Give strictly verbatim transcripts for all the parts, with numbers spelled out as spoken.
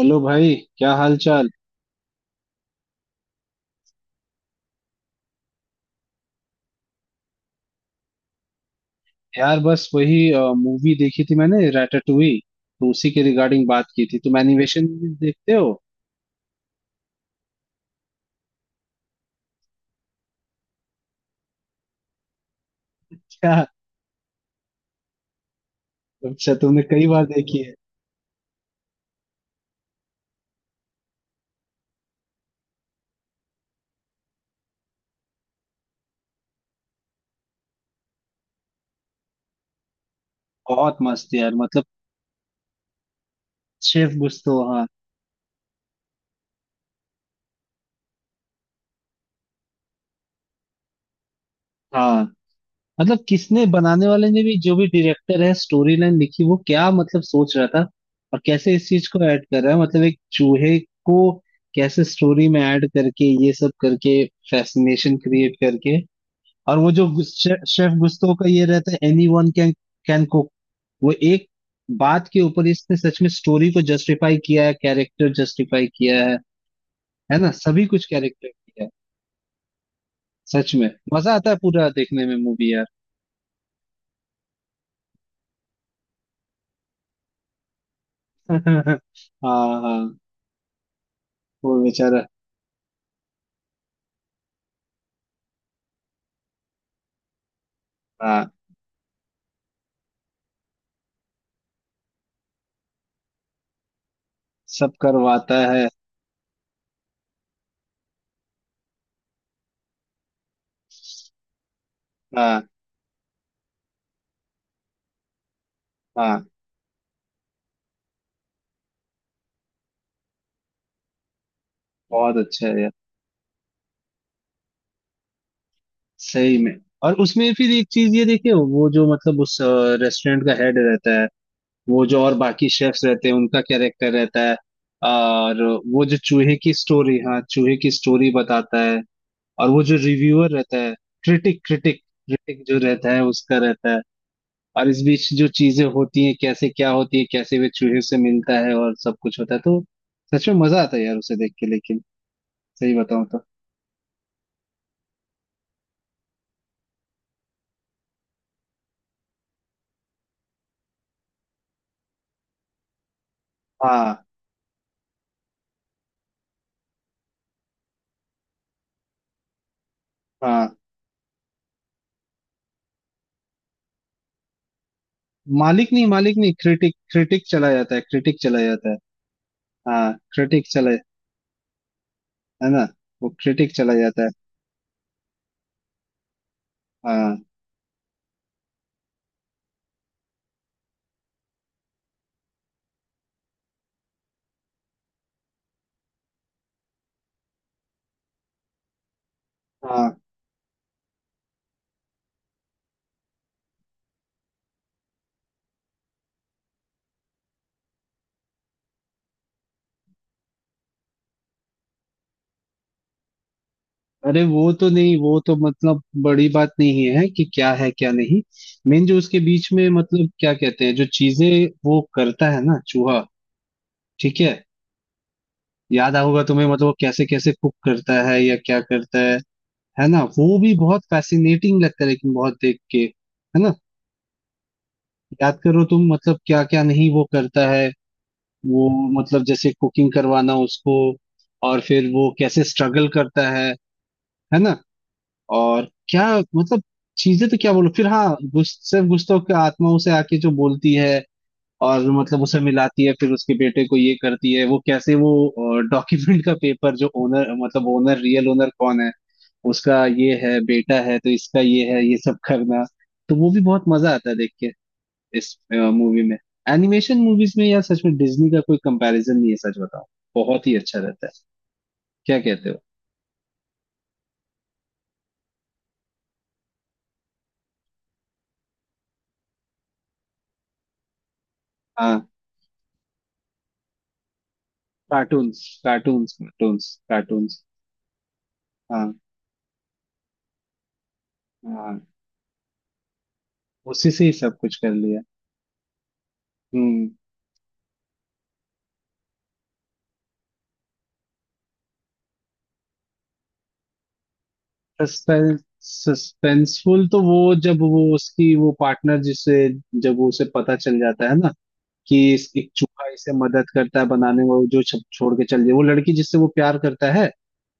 Hello भाई, क्या हाल चाल। यार बस वही मूवी देखी थी मैंने, रैटाटुई। तो उसी के रिगार्डिंग बात की थी। तुम एनिमेशन मूवीज देखते हो? क्या। अच्छा, तुमने कई बार देखी है। बहुत मस्त यार मतलब। शेफ गुस्तो, हाँ। हाँ, मतलब किसने बनाने वाले ने भी, जो भी डायरेक्टर है स्टोरी लाइन लिखी, वो क्या मतलब सोच रहा था। और कैसे इस चीज को ऐड कर रहा है, मतलब एक चूहे को कैसे स्टोरी में ऐड करके, ये सब करके, फैसिनेशन क्रिएट करके। और वो जो गुस- शे, शेफ गुस्तो का ये रहता है, anyone can can cook. वो एक बात के ऊपर इसने सच में स्टोरी को जस्टिफाई किया है, कैरेक्टर जस्टिफाई किया है। है ना, सभी कुछ कैरेक्टर किया है। सच में मजा आता है पूरा देखने में मूवी यार। हाँ हाँ। वो बेचारा। हाँ, सब करवाता है। हाँ हाँ। बहुत अच्छा है यार। सही में। और उसमें फिर एक चीज ये देखिए, वो जो मतलब उस रेस्टोरेंट का हेड रहता है, वो जो, और बाकी शेफ्स रहते हैं उनका कैरेक्टर रहता है। और वो जो चूहे की स्टोरी, हाँ चूहे की स्टोरी बताता है। और वो जो रिव्यूअर रहता है, क्रिटिक क्रिटिक। क्रिटिक जो रहता है उसका रहता है। और इस बीच जो चीजें होती हैं, कैसे क्या होती है, कैसे वे चूहे से मिलता है और सब कुछ होता है, तो सच में मजा आता है यार उसे देख के, लेकिन सही बताऊं तो। हाँ हाँ। मालिक नहीं, मालिक नहीं, क्रिटिक क्रिटिक चला जाता है, क्रिटिक चला जाता है। हाँ, क्रिटिक चला। है ना। वो क्रिटिक चला जाता है। हाँ हाँ। अरे वो तो नहीं, वो तो मतलब बड़ी बात नहीं है कि क्या है क्या नहीं। मेन जो उसके बीच में मतलब क्या कहते हैं, जो चीजें वो करता है ना चूहा, ठीक है? याद होगा तुम्हें, मतलब वो कैसे कैसे कुक करता है या क्या करता है। है ना? वो भी बहुत फैसिनेटिंग लगता है, लेकिन बहुत देख के। है ना? याद करो तुम, मतलब क्या क्या नहीं वो करता है, वो मतलब जैसे कुकिंग करवाना उसको। और फिर वो कैसे स्ट्रगल करता है। है ना? और क्या मतलब, चीजें तो क्या बोलो फिर, हाँ गुस, सिर्फ गुस्तों की आत्मा उसे आके जो बोलती है। और मतलब उसे मिलाती है, फिर उसके बेटे को ये करती है, वो कैसे वो डॉक्यूमेंट का पेपर, जो ओनर मतलब ओनर, रियल ओनर कौन है, उसका ये है, बेटा है तो इसका ये है, ये सब करना। तो वो भी बहुत मजा आता है देख के इस मूवी में। एनिमेशन मूवीज में यार, सच में डिज्नी का कोई कंपैरिजन नहीं है, सच बताओ। बहुत ही अच्छा रहता है। क्या कहते हो? हाँ। Cartoons, cartoons, cartoons, cartoons. हाँ हाँ। उसी से ही सब कुछ कर लिया। हम्म। सस्पेंस, सस्पेंसफुल तो वो, जब वो उसकी वो पार्टनर जिसे, जब वो उसे पता चल जाता है ना, कि इस एक चूहा इसे मदद करता है बनाने में, वो जो छप- छोड़ के चल जाए वो लड़की, जिससे वो प्यार करता है।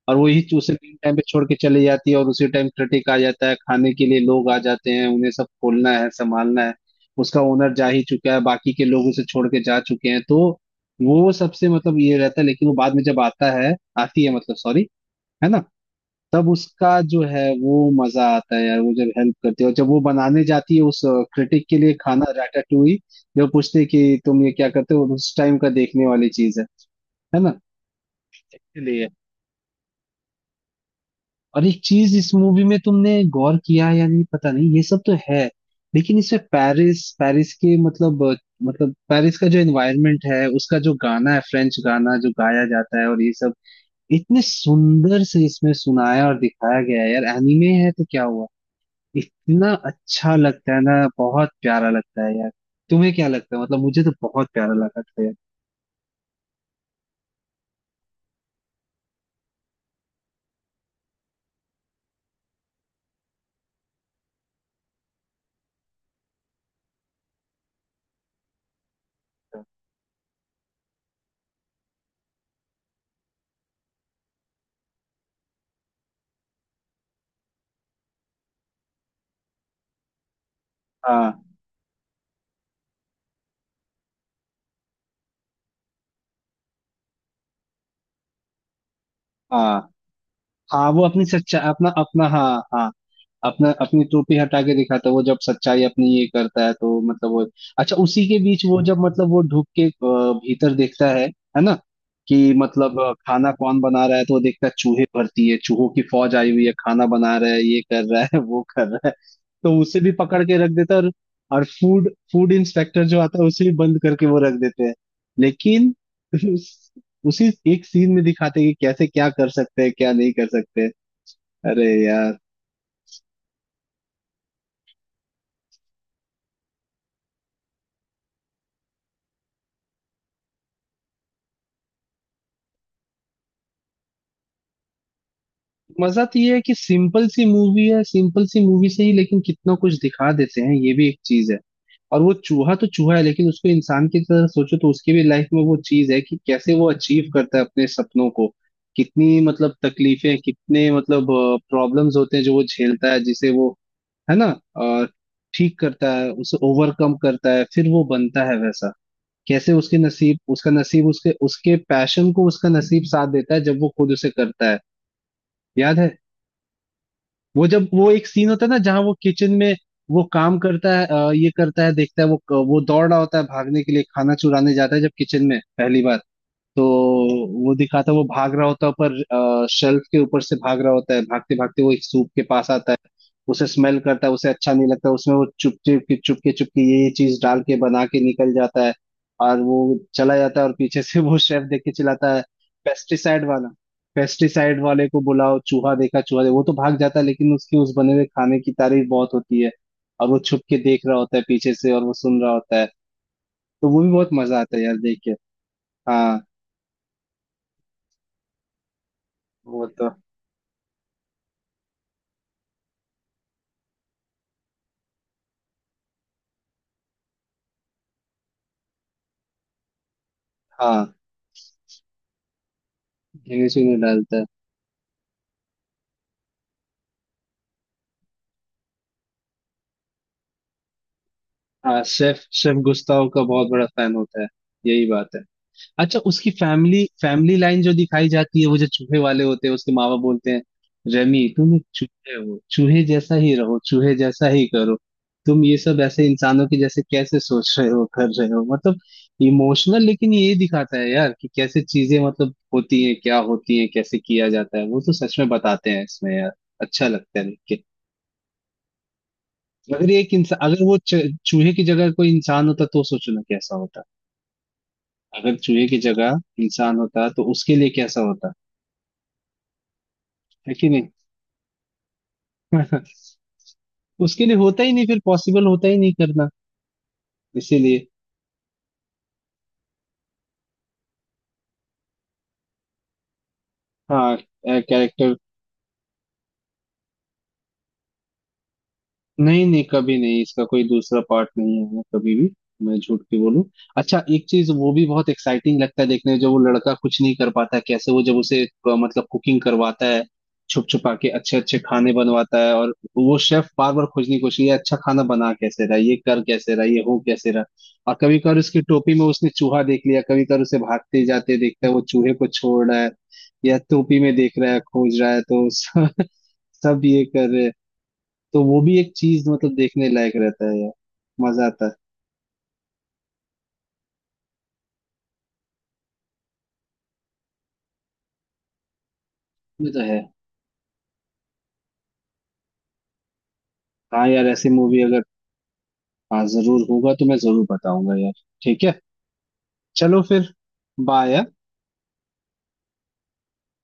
और वही चूसे मेन टाइम पे छोड़ के चली जाती है, और उसी टाइम क्रिटिक आ जाता है, खाने के लिए लोग आ जाते हैं, उन्हें सब खोलना है संभालना है। उसका ओनर जा ही चुका है, बाकी के लोग उसे छोड़ के जा चुके हैं, तो वो सबसे मतलब ये रहता है, लेकिन वो बाद में जब आता है, आती है, मतलब सॉरी। है ना? तब उसका जो है वो मजा आता है यार, वो जब हेल्प करती है, और जब वो बनाने जाती है उस क्रिटिक के लिए खाना, रैटाटूई। जब पूछते हैं कि तुम ये क्या करते हो, उस टाइम का देखने वाली चीज है। है ना? इसलिए। और एक चीज इस मूवी में तुमने गौर किया है या नहीं पता नहीं, ये सब तो है, लेकिन इसमें पेरिस, पेरिस के मतलब अ, मतलब पेरिस का जो एनवायरनमेंट है, उसका जो गाना है, फ्रेंच गाना जो गाया जाता है और ये सब, इतने सुंदर से इसमें सुनाया और दिखाया गया है यार, एनिमे है तो क्या हुआ। इतना अच्छा लगता है ना। बहुत प्यारा लगता है यार। तुम्हें क्या लगता है, मतलब मुझे तो बहुत प्यारा लगा था यार। हाँ हाँ हाँ। वो अपनी सच्चा, अपना अपना, हाँ हाँ, अपना, अपनी टोपी हटा के दिखाता है, वो जब सच्चाई अपनी ये करता है, तो मतलब वो। अच्छा, उसी के बीच वो जब मतलब वो ढुक के अ, भीतर देखता है। है ना? कि मतलब अ, खाना कौन बना रहा है, तो वो देखता है चूहे भरती है, चूहों की फौज आई हुई है, खाना बना रहा है, ये कर रहा है वो कर रहा है। तो उसे भी पकड़ के रख देता है। और और फूड फूड इंस्पेक्टर जो आता है उसे भी बंद करके वो रख देते हैं। लेकिन उस, उसी एक सीन में दिखाते हैं कि कैसे क्या कर सकते हैं क्या नहीं कर सकते। अरे यार। मजा तो ये है कि सिंपल सी मूवी है, सिंपल सी मूवी से ही लेकिन कितना कुछ दिखा देते हैं, ये भी एक चीज है। और वो चूहा तो चूहा है, लेकिन उसको इंसान की तरह सोचो तो उसकी भी लाइफ में वो चीज है, कि कैसे वो अचीव करता है अपने सपनों को। कितनी मतलब तकलीफें, कितने मतलब प्रॉब्लम्स होते हैं जो वो झेलता है, जिसे वो, है ना, अ, ठीक करता है, उसे ओवरकम करता है, फिर वो बनता है वैसा। कैसे उसके नसीब, उसका नसीब, उसके उसके पैशन को उसका नसीब साथ देता है, जब वो खुद उसे करता है। याद है? वो, जब वो एक सीन होता है ना जहाँ वो किचन में, वो काम करता है अ, ये करता है, देखता है, वो वो दौड़ रहा होता है भागने के लिए, खाना चुराने जाता है जब किचन में पहली बार। तो वो दिखाता है, वो भाग रहा होता है पर शेल्फ के ऊपर से भाग रहा होता है, भागते भागते वो एक सूप के पास आता है। उसे स्मेल करता है, उसे अच्छा नहीं लगता, उसमें वो चुप चुप के, चुप के, चुप के ये ये चीज डाल के बना के निकल जाता है। और वो चला जाता है और पीछे से वो शेफ देख के चिल्लाता है, पेस्टिसाइड वाला, पेस्टिसाइड वाले को बुलाओ, चूहा देखा, चूहा देखा, वो तो भाग जाता है लेकिन उसकी उस बने हुए खाने की तारीफ बहुत होती है। और वो छुप के देख रहा होता है पीछे से, और वो सुन रहा होता है। तो वो भी बहुत मजा आता है यार देख के। हाँ। वो तो, हाँ, इसी में डालता है। हाँ, शेफ शेफ गुस्ताव का बहुत बड़ा फैन होता है। यही बात है। अच्छा, उसकी फैमिली फैमिली लाइन जो दिखाई जाती है, वो जो चूहे वाले होते हैं, उसके माँ बाप बोलते हैं, रेमी तुम एक चूहे हो, चूहे जैसा ही रहो, चूहे जैसा ही करो, तुम ये सब ऐसे इंसानों के जैसे कैसे सोच रहे हो, कर रहे हो, मतलब इमोशनल, लेकिन ये दिखाता है यार कि कैसे चीजें मतलब होती हैं, क्या होती हैं, कैसे किया जाता है, वो तो सच में बताते हैं इसमें यार। अच्छा लगता है। अगर एक इंसान, अगर वो च- चूहे की जगह कोई इंसान होता तो सोचो ना कैसा होता। अगर चूहे की जगह इंसान होता तो उसके लिए कैसा होता, है कि नहीं? उसके लिए होता ही नहीं फिर, पॉसिबल होता ही नहीं करना, इसीलिए। हाँ, कैरेक्टर। नहीं नहीं, कभी नहीं, इसका कोई दूसरा पार्ट नहीं आया कभी भी, मैं झूठ के बोलूं। अच्छा, एक चीज वो भी बहुत एक्साइटिंग लगता है देखने में, जब वो लड़का कुछ नहीं कर पाता है, कैसे वो जब उसे अ, मतलब कुकिंग करवाता है, छुप छुपा के अच्छे अच्छे खाने बनवाता है, और वो शेफ बार बार खोजने की कोशिश, ये अच्छा खाना बना कैसे रहा, ये कर कैसे रहा, ये हो कैसे रहा। और कभी कभार उसकी टोपी में उसने चूहा देख लिया, कभी कभार उसे भागते जाते देखता है, वो चूहे को छोड़ रहा है या टोपी में देख रहा है, खोज रहा है, तो सब सब ये कर रहे हैं। तो वो भी एक चीज मतलब देखने लायक रहता है यार। मजा आता है। ये तो है। हाँ यार, ऐसी मूवी अगर, हाँ जरूर होगा तो मैं जरूर बताऊंगा यार। ठीक है। चलो फिर। बाय।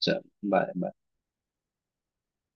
चल। बाय।